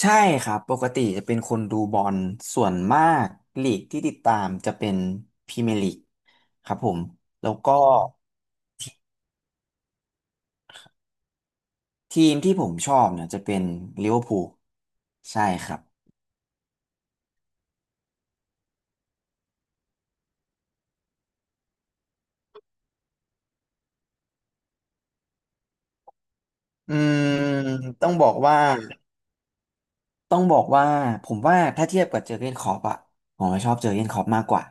ใช่ครับ ปกติจะเป็นคนดูบอลส่วนมากลีกที่ติดตามจะเป็นพรีเมียร์ลีกครับผมแล้วก็ทีมที่ผมชอบเนี่ยจะเป็นลิเวอร์พูลใช่ครับอืมต้องบอกว่า ต้องบอกว่าผมว่าถ้าเทียบกับเจอร์เก้นคล็อปอะผมว่าชอบเจอร์เก้นคล็อปมากกว่า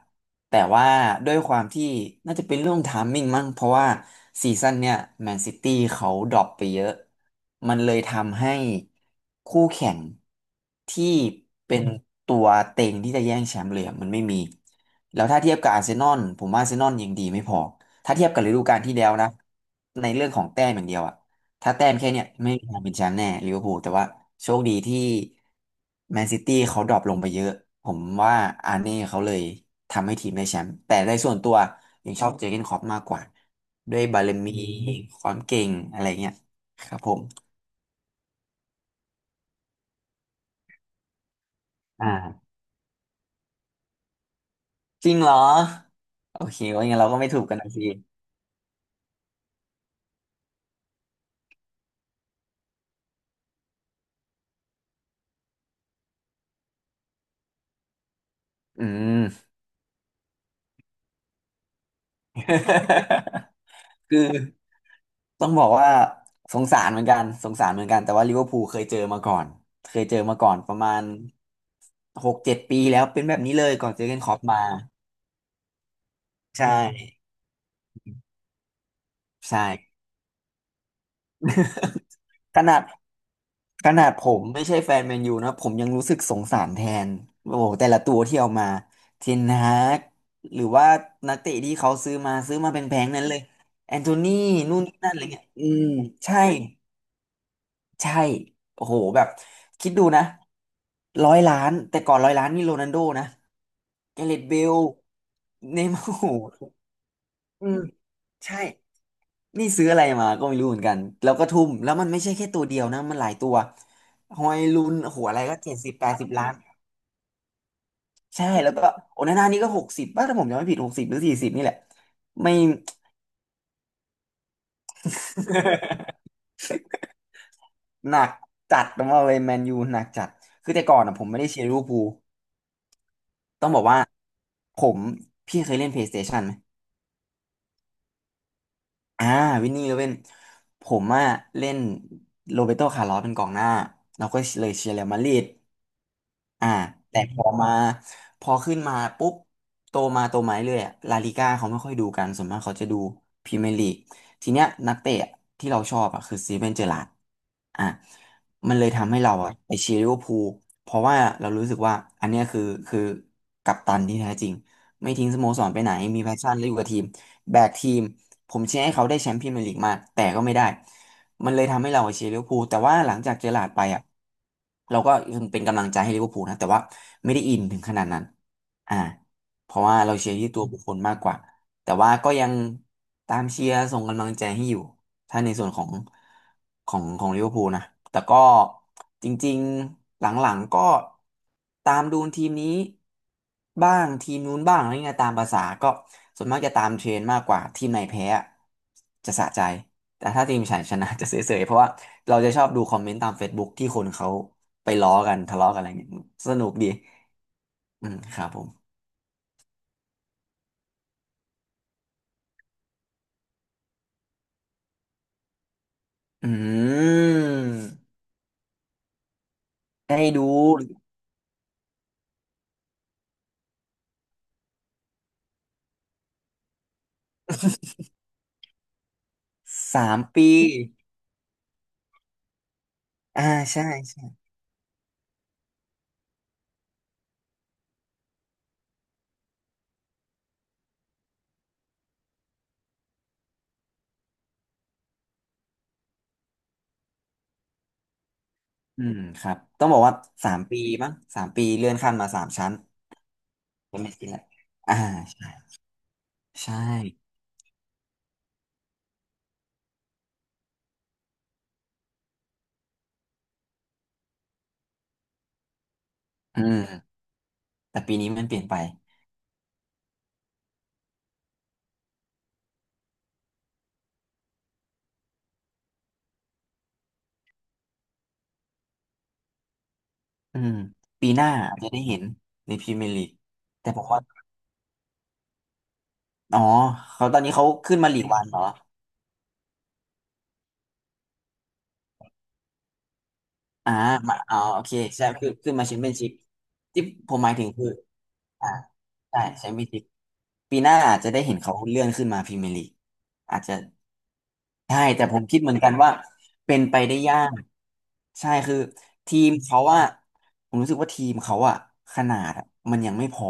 แต่ว่าด้วยความที่น่าจะเป็นเรื่องไทามมิ่งมั้งเพราะว่าซีซั่นเนี่ยแมนซิตี้เขาดรอปไปเยอะมันเลยทำให้คู่แข่งที่เป็นตัวเต็งที่จะแย่งแชมป์เลยอะมันไม่มีแล้วถ้าเทียบกับอาร์เซนอลผมว่าอาร์เซนอลยังดีไม่พอถ้าเทียบกับฤดูกาลที่แล้วนะในเรื่องของแต้มอย่างเดียวอะ ถ้าแต้มแค่เนี่ยไม่มีทางเป็นแชมป์แน่ลิเวอร์พูลแต่ว่าโชคดีที่แมนซิตี้เขาดรอปลงไปเยอะผมว่าอาร์เน่เขาเลยทำให้ทีมได้แชมป์แต่ในส่วนตัวยังชอบเจอร์เก้นคล็อปมากกว่าด้วยบารมีความเก่งอะไรเงี้ยครับผมอ่าจริงเหรอโอเคว่าอย่างนั้นเราก็ไม่ถูกกันนะสิอืม คือต้องบอกว่าสงสารเหมือนกันสงสารเหมือนกันแต่ว่าลิเวอร์พูลเคยเจอมาก่อนเคยเจอมาก่อนประมาณ6-7 ปีแล้วเป็นแบบนี้เลยก่อนเจอร์เกนคล็อปมาใช่ใช่ขนาดขนาดผมไม่ใช่แฟนแมนยูนะผมยังรู้สึกสงสารแทนโอ้โหแต่ละตัวที่เอามาเทนฮากหรือว่านักเตะที่เขาซื้อมาเป็นแพงๆนั้นเลยแอนโทนี่นู่นนี่นั่นอะไรเงี้ยอืมใช่ ใช่โอ้โหแบบคิดดูนะร้อยล้านแต่ก่อนร้อยล้านนี่โรนัลโดนะแกเร t เบลเนย์มาร์โอ้โหอืมใช่นี่ซื้ออะไรมาก็ไม่รู้เหมือนกันแล้วก็ทุ่มแล้วมันไม่ใช่แค่ตัวเดียวนะมันหลายตัวฮอยลุนโอ้โหอะไรก็70-80 ล้านใช่แล้วก็โอนาน่านี่ก็หกสิบป่ะถ้าผมจำไม่ผิด60 หรือ 40นี่แหละไม่ หนักจัดต้องบอกเลยแมนยูหนักจัดคือแต่ก่อนอ่ะผมไม่ได้เชียร์ลิเวอร์พูล ต้องบอกว่าผมพี่เคยเล่น PlayStation ไหมอ่าวินนี่โรเบนผมอ่ะเล่นโรเบโตคาร์ลอสเป็นกองหน้าเราก็เลยเชียร์เรอัลมาดริด อ่าแต่พอขึ้นมาปุ๊บโตมาเรื่อยอะลาลิก้าเขาไม่ค่อยดูกันส่วนมากเขาจะดูพรีเมียร์ลีกทีเนี้ยนักเตะที่เราชอบอ่ะคือสตีเวนเจอราร์ดอ่ะมันเลยทำให้เราอ่ะไปเชียร์ลิเวอร์พูลเพราะว่าเรารู้สึกว่าอันเนี้ยคือกัปตันที่แท้จริงไม่ทิ้งสโมสรไปไหนมีแพชชั่นและอยู่กับทีมแบกทีมผมเชียร์ให้เขาได้แชมป์พรีเมียร์ลีกมาแต่ก็ไม่ได้ มันเลยทำให้เราเชียร์ลิเวอร์พูลแต่ว่าหลังจากเจอหลาร์ดไปอ่ะเราก็ยังเป็นกำลังใจให้ลิเวอร์พูลนะแต่ว่าไม่ได้อินถึงขนาดนั้นอ่าเพราะว่าเราเชียร์ที่ตัวบุคคลมากกว่าแต่ว่าก็ยังตามเชียร์ส่งกำลังใจให้อยู่ถ้าในส่วนของลิเวอร์พูลนะแต่ก็จริงๆหลังๆก็ตามดูทีมนี้บ้างทีมนู้นบ้างอะไรเงี้ยตามภาษาก็ส่วนมากจะตามเทรนด์มากกว่าทีมไหนแพ้อะจะสะใจ แต่ถ้าทีมฉันชนะจะเสยๆเพราะว่าเราจะชอบดูคอมเมนต์ตาม Facebook ที่คนเขาไปล้อกันทะเลาะกันอะไรเงี้ยสนุกดีอืมครับผมอืมได้ดูสามปีอ่าใช่ใช่อืมครับต้องบอกว่าสามปีมั้งสามปีเลื่อนขั้นมา3 ชั้นเป็นไม่กี่แหละอ่าใช่ใช่อืมแต่ปีนี้มันเปลี่ยนไปอืมปีหน้าอาจจะได้เห็นในพรีเมียร์ลีกแต่ผมว่าอ๋อเขาตอนนี้เขาขึ้นมาลีกวันเหรอ อ่ามาอ๋อโอเคใช่คือขึ้นมาแชมเปี้ยนชิพที่ผมหมายถึงคืออ่าใช่แชมเปี้ยนชิพปีหน้าอาจจะได้เห็นเขาเลื่อนขึ้นมาพรีเมียร์ลีกอาจจะใช่แต่ผมคิดเหมือนกันว่าเป็นไปได้ยากใช่คือทีมเขาว่าผมรู้สึกว่าทีมเขาอะขนาดอะมันยังไม่พอ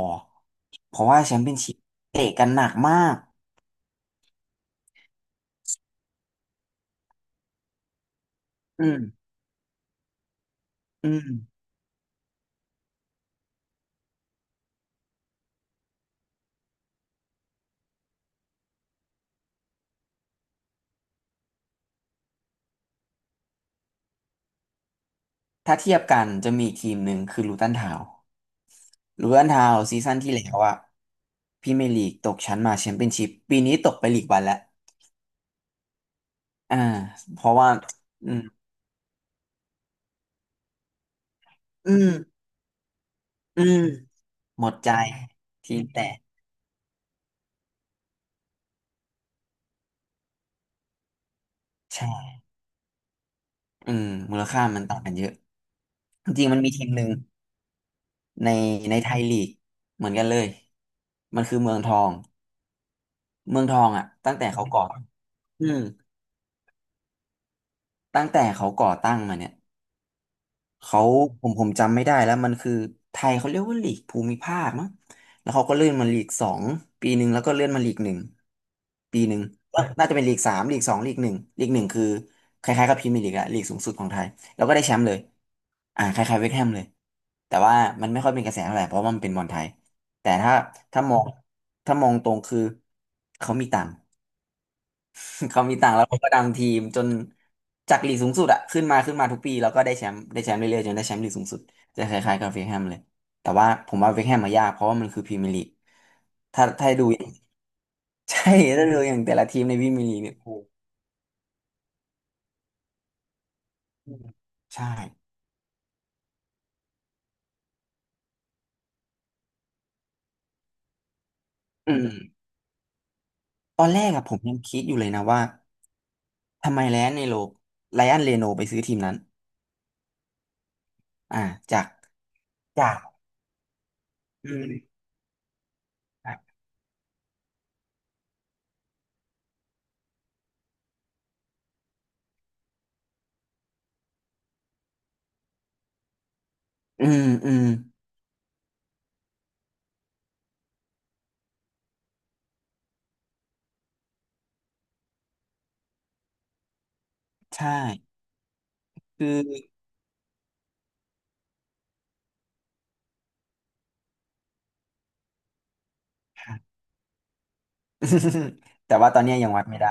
เพราะว่าแชมเปี้ยนชิพเตะกันหนักมากอืมอืมถ้าเทียบกันจะมีอีกทีมหนึ่งคือลูตันทาวน์ รูเวนทาวซีซั่นที่แล้วอะพรีเมียร์ลีกตกชั้นมาแชมเปี้ยนชิพปีนี้ตกไปลีกวันแล้วอ่าเพราะว่าอืมอืมอืมหมดใจทีมแต่ใช่อืมมูลค่ามันต่างกันเยอะจริงๆมันมีทีมหนึ่งในในไทยลีกเหมือนกันเลยมันคือเมืองทองเมืองทองอ่ะตั้งแต่เขาก่ออืมตั้งแต่เขาก่อตั้งมาเนี่ย เขาผมจำไม่ได้แล้วมันคือไทยเขาเรียกว่าลีกภูมิภาคมั้งแล้วเขาก็เลื่อนมาลีกสองปีหนึ่งแล้วก็เลื่อนมาลีกหนึ่งปีหนึ่งแล้วน่าจะเป็นลีกสามลีกสองลีกหนึ่งลีกหนึ่งคือคล้ายๆกับพรีเมียร์ลีกอะลีกสูงสุดของไทยแล้วก็ได้แชมป์เลยอ่าคล้ายๆเวสต์แฮมเลยแต่ว่ามันไม่ค่อยเป็นกระแสเท่าไหร่เพราะว่ามันเป็นบอลไทยแต่ถ้าถ้ามองถ้ามองตรงคือเขามีตังค์ เขามีตางค์แล้วเขาก็ดันทีมจนจากลีกสูงสุดอะขึ้นมาทุกปีแล้วก็ได้แชมป์เรื่อยๆจนได้แชมป์ลีกสูงสุดจะคล้ายๆกับเวคแฮมเลยแต่ว่าผมว่าเวคแฮมมายากเพราะว่ามันคือพรีเมียร์ลีกถ้าดู ใช่ถ้าดูอย่างแต่ละทีมในพรีเมียร์ลีกเนี่ยโอ้โหใช่อืมตอนแรกอะผมยังคิดอยู่เลยนะว่าทำไมไลออนเรโนไปซื้อทีมนั้นอ่าจากจากอืมอืมใช่คือ แต่ว่าตอนเนี้ยยังวัดไม่ได้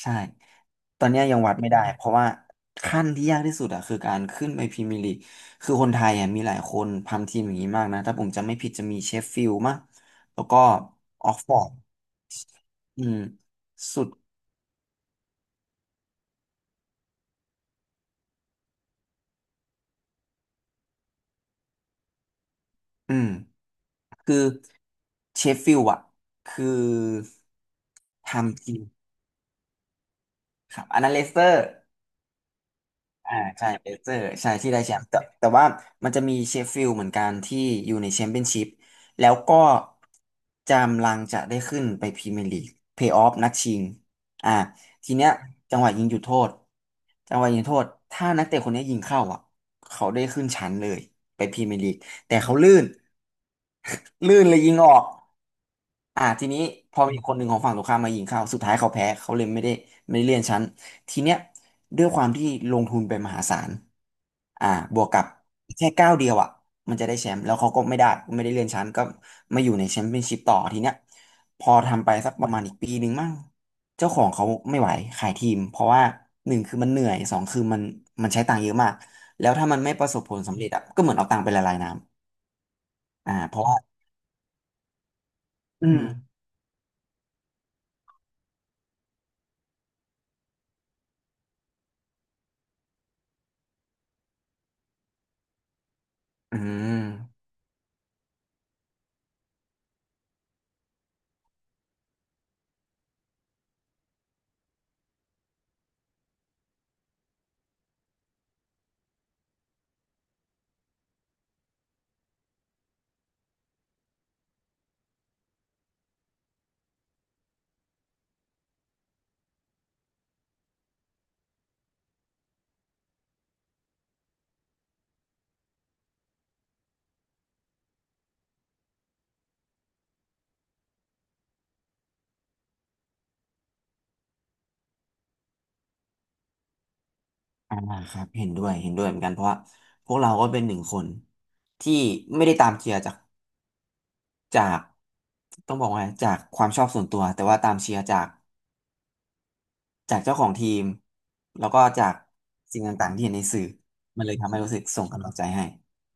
ใช่ตอนเนี้ยยังวัดไม่ได้เพราะว่าขั้นที่ยากที่สุดอะคือการขึ้นไปพรีเมียร์ลีกคือคนไทยอะมีหลายคนทำทีมอย่างนี้มากนะถ้าผมจำไม่ผิดจะมีเชฟฟิลด์มั้งแล้วก็ออกฟอร์ดอืมสุดอืมคือเชฟฟิลด์อะคือทำทีมครับอันนั้นเลสเตอร์ อ่าใช่เบสเซอร์ใช่ที่ได้แชมป์แต่ว่ามันจะมีเชฟฟิลด์เหมือนกันที่อยู่ในแชมเปี้ยนชิพแล้วก็จำลังจะได้ขึ้นไปพรีเมียร์ลีกเพลย์ออฟนัดชิงอ่าทีเนี้ยจังหวะยิงจุดโทษจังหวะยิงโทษถ้านักเตะคนเนี้ยยิงเข้าอ่ะเขาได้ขึ้นชั้นเลยไปพรีเมียร์ลีกแต่เขาลื่น ลื่นเลยยิงออกอ่าทีนี้พอมีคนหนึ่งของฝั่งตรงข้ามมายิงเข้าสุดท้ายเขาแพ้เขาเลยไม่ได้ไม่ได้เลื่อนชั้น ทีเนี้ยด้วยความที่ลงทุนไปมหาศาลอ่าบวกกับแค่ก้าวเดียวอ่ะมันจะได้แชมป์แล้วเขาก็ไม่ได้ไม่ได้เลื่อนชั้นก็มาอยู่ในแชมเปี้ยนชิพต่อทีเนี้ยพอทำไปสักประมาณอีกปีหนึ่งมั่งเจ้าของเขาไม่ไหวขายทีมเพราะว่าหนึ่งคือมันเหนื่อยสองคือมันมันใช้ตังค์เยอะมากแล้วถ้ามันไม่ประสบผลสำเร็จอ่ะก็เหมือนเอาตังค์ไปละลายน้ำอ่าเพราะว่าอืมอืมอ่าครับเห็นด้วยเหมือนกันเพราะว่าพวกเราก็เป็นหนึ่งคนที่ไม่ได้ตามเชียร์จาก จากต้องบอกว่าจากความชอบส่วนตัวแต่ว่าตามเชียร์จากเจ้าของทีมแล้วก็จากสิ่งต่างๆที่เห็นในสื่อมันเลยทำให้รู้สึกส่งกำลังใจให้